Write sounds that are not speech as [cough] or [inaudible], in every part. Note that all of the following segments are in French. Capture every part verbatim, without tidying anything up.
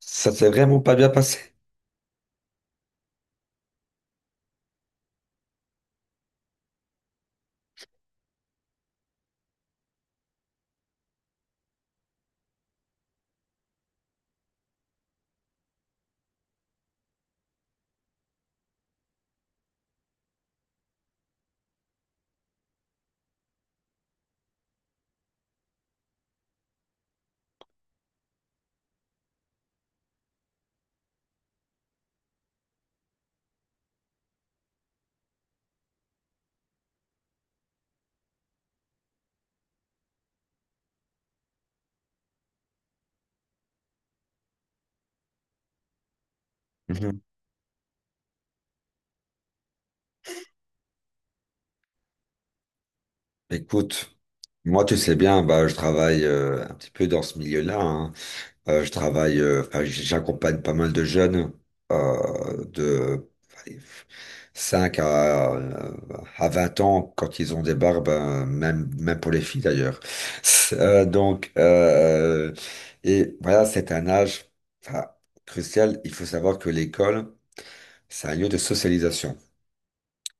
Ça s'est vraiment pas bien passé. Mhm. Écoute, moi, tu sais bien, bah, je travaille euh, un petit peu dans ce milieu-là, hein. Euh, je travaille, euh, enfin, j- j'accompagne pas mal de jeunes euh, de allez, cinq à, euh, à vingt ans quand ils ont des barbes, euh, même, même pour les filles d'ailleurs. [laughs] Euh, donc, euh, et voilà, c'est un âge enfin, crucial. Il faut savoir que l'école, c'est un lieu de socialisation.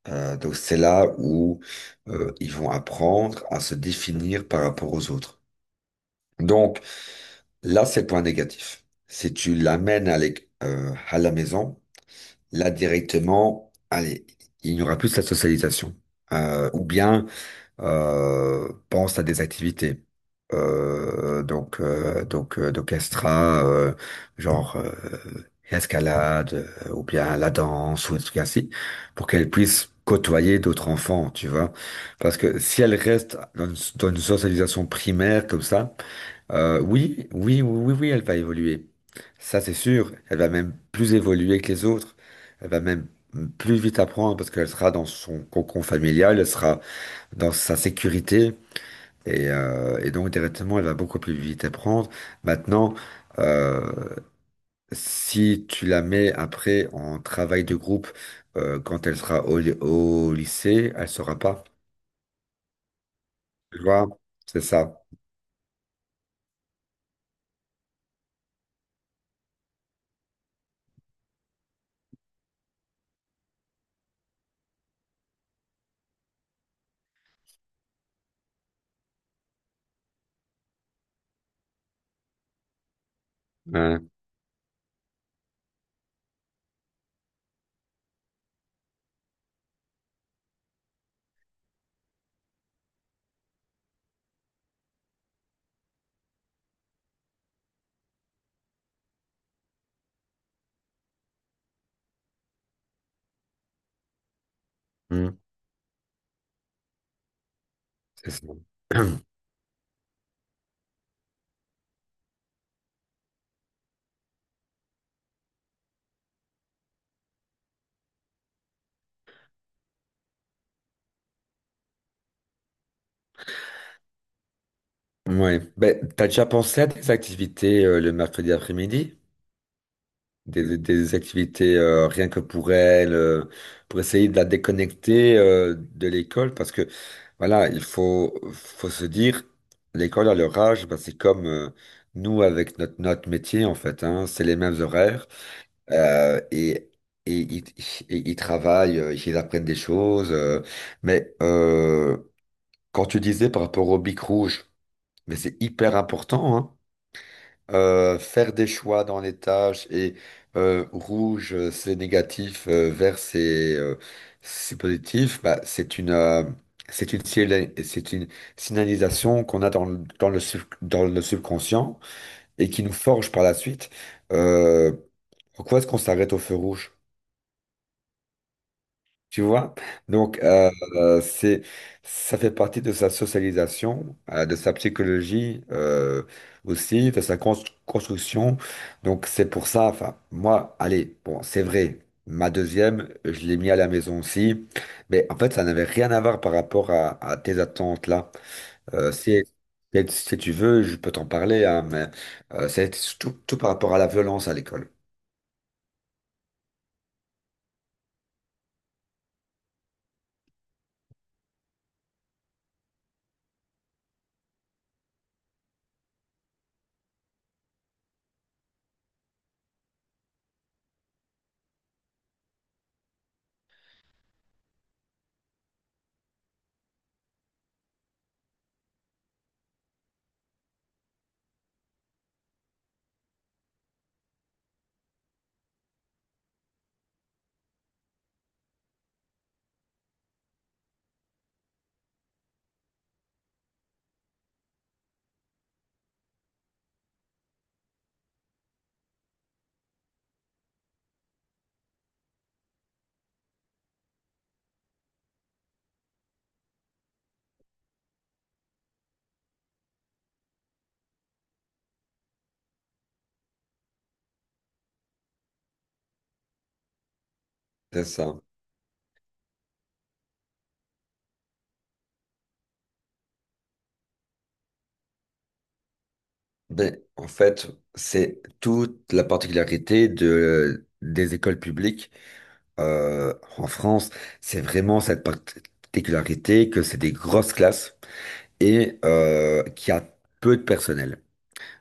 Euh, donc c'est là où euh, ils vont apprendre à se définir par rapport aux autres. Donc là, c'est le point négatif. Si tu l'amènes à, l'éc- euh, à la maison, là directement, allez, il n'y aura plus de la socialisation. Euh, ou bien euh, pense à des activités. Euh, donc euh, donc euh, d'orchestra euh, genre euh, escalade euh, ou bien la danse ou des trucs ainsi pour qu'elle puisse côtoyer d'autres enfants, tu vois, parce que si elle reste dans une, dans une socialisation primaire comme ça, euh, oui oui oui oui oui, elle va évoluer, ça c'est sûr, elle va même plus évoluer que les autres, elle va même plus vite apprendre parce qu'elle sera dans son cocon familial, elle sera dans sa sécurité. Et, euh, et donc, directement, elle va beaucoup plus vite à prendre. Maintenant, euh, si tu la mets après en travail de groupe, euh, quand elle sera au, au lycée, elle saura pas. Tu vois? C'est ça. Ouais. Mm. C'est ça. [clears throat] Ouais. Ben, t'as déjà pensé à des activités, euh, le mercredi après-midi? des, des activités euh, rien que pour elle, euh, pour essayer de la déconnecter euh, de l'école, parce que voilà, il faut, faut se dire, l'école à leur âge, bah, c'est comme euh, nous avec notre, notre métier en fait, hein, c'est les mêmes horaires euh, et, et, ils et ils travaillent, euh, ils apprennent des choses, euh, mais euh, quand tu disais par rapport au bic rouge, mais c'est hyper important, hein, euh, faire des choix dans les tâches et euh, rouge euh, c'est négatif, euh, vert c'est euh, c'est positif, bah, c'est une euh, c'est une signal- c'est une signalisation qu'on a dans le, dans le sub- dans le subconscient et qui nous forge par la suite. Euh, Pourquoi est-ce qu'on s'arrête au feu rouge? Tu vois? Donc, euh, euh, c'est, Ça fait partie de sa socialisation, euh, de sa psychologie euh, aussi, de sa constru construction. Donc, c'est pour ça, enfin, moi, allez, bon, c'est vrai, ma deuxième, je l'ai mis à la maison aussi, mais en fait, ça n'avait rien à voir par rapport à, à tes attentes là. Euh, si, si si tu veux, je peux t'en parler, hein, mais euh, c'est tout, tout par rapport à la violence à l'école. C'est ça. Ben, en fait, c'est toute la particularité de, des écoles publiques euh, en France. C'est vraiment cette particularité que c'est des grosses classes et euh, qu'il y a peu de personnel.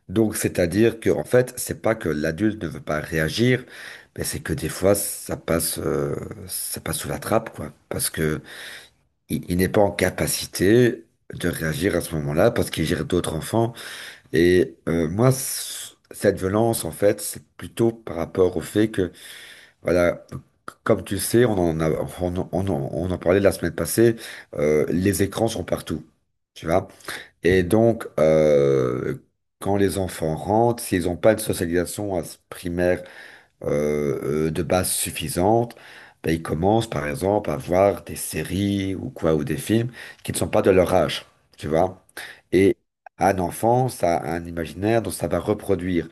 Donc, c'est-à-dire que, en fait, c'est pas que l'adulte ne veut pas réagir, mais c'est que des fois, ça passe, euh, ça passe sous la trappe, quoi. Parce que il, il n'est pas en capacité de réagir à ce moment-là parce qu'il gère d'autres enfants. Et euh, moi, c- cette violence, en fait, c'est plutôt par rapport au fait que, voilà, c- comme tu le sais, on en a, on, en- on en on en parlait la semaine passée, euh, les écrans sont partout, tu vois. Et donc, euh, Quand les enfants rentrent, s'ils n'ont pas de socialisation à- s- primaire euh, euh, de base suffisante, ben, ils commencent par exemple à voir des séries ou quoi, ou des films qui ne sont pas de leur âge, tu vois. Et un enfant, ça a un imaginaire dont ça va reproduire.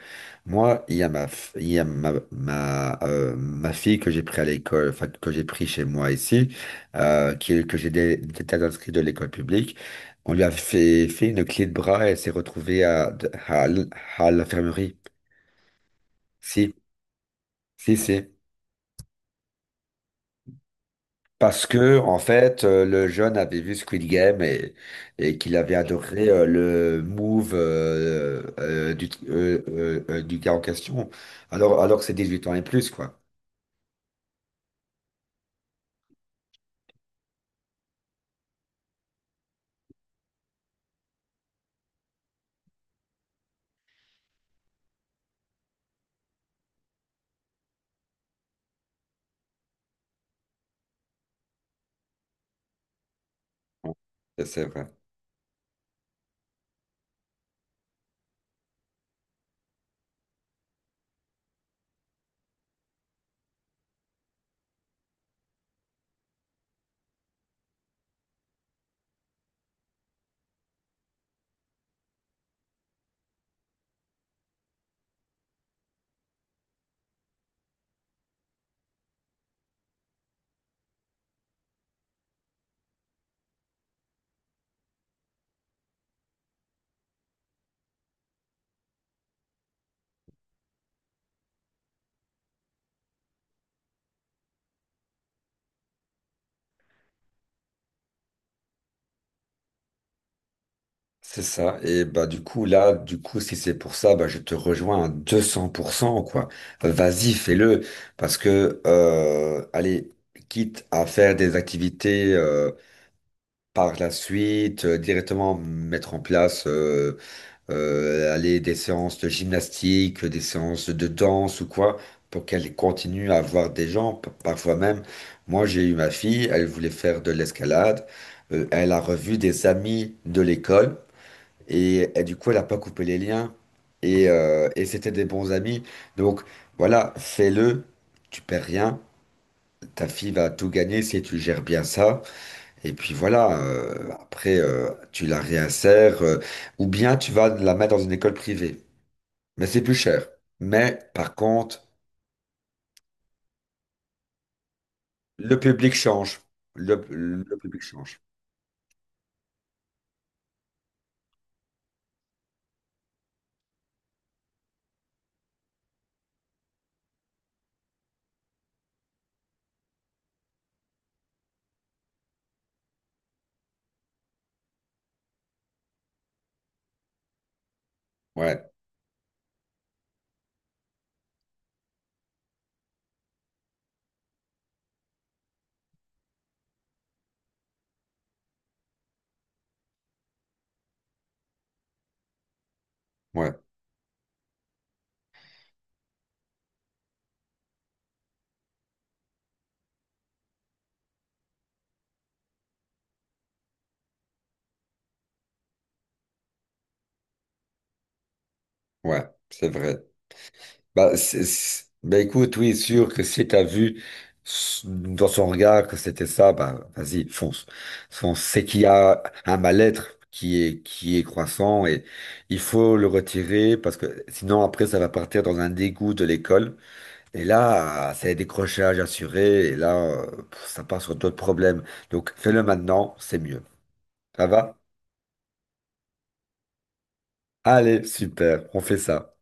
Moi, il y a ma, f- il y a ma, ma, euh, ma fille que j'ai pris à l'école, enfin, que j'ai pris chez moi ici, euh, qui, que j'ai dé- été inscrit de l'école publique. On lui a fait, fait une clé de bras et elle s'est retrouvée à, à, à l'infirmerie. Si, si, si. Parce que, en fait, euh, le jeune avait vu Squid Game et, et qu'il avait adoré euh, le move euh, euh, du, euh, euh, euh, du gars en question, alors, alors que c'est dix-huit ans et plus, quoi. C'est c'est vrai. C'est ça. Et bah du coup là, du coup si c'est pour ça, bah je te rejoins à deux cents pour cent quoi. Vas-y, fais-le parce que euh, allez, quitte à faire des activités euh, par la suite, euh, directement mettre en place euh, euh, allez, des séances de gymnastique, des séances de danse ou quoi pour qu'elle continue à voir des gens. P- Parfois même, moi j'ai eu ma fille, elle voulait faire de l'escalade. Euh, elle a revu des amis de l'école. Et, et du coup, elle n'a pas coupé les liens. Et, euh, et c'était des bons amis. Donc voilà, fais-le. Tu perds rien. Ta fille va tout gagner si tu gères bien ça. Et puis voilà, euh, après, euh, tu la réinsères, euh, ou bien tu vas la mettre dans une école privée. Mais c'est plus cher. Mais par contre, le public change. Le, le public change. Ouais, ouais, ouais, c'est vrai. Bah, c'est- c'est- bah, écoute, oui, sûr que si t'as vu s- dans son regard que c'était ça, bah vas-y, fonce. Fonce. C'est qu'il y a un mal-être qui est, qui est croissant et il faut le retirer parce que sinon après ça va partir dans un dégoût de l'école. Et là, c'est décrochage assuré et là, euh, pff, ça part sur d'autres problèmes. Donc fais-le maintenant, c'est mieux. Ça va? Allez, super, on fait ça.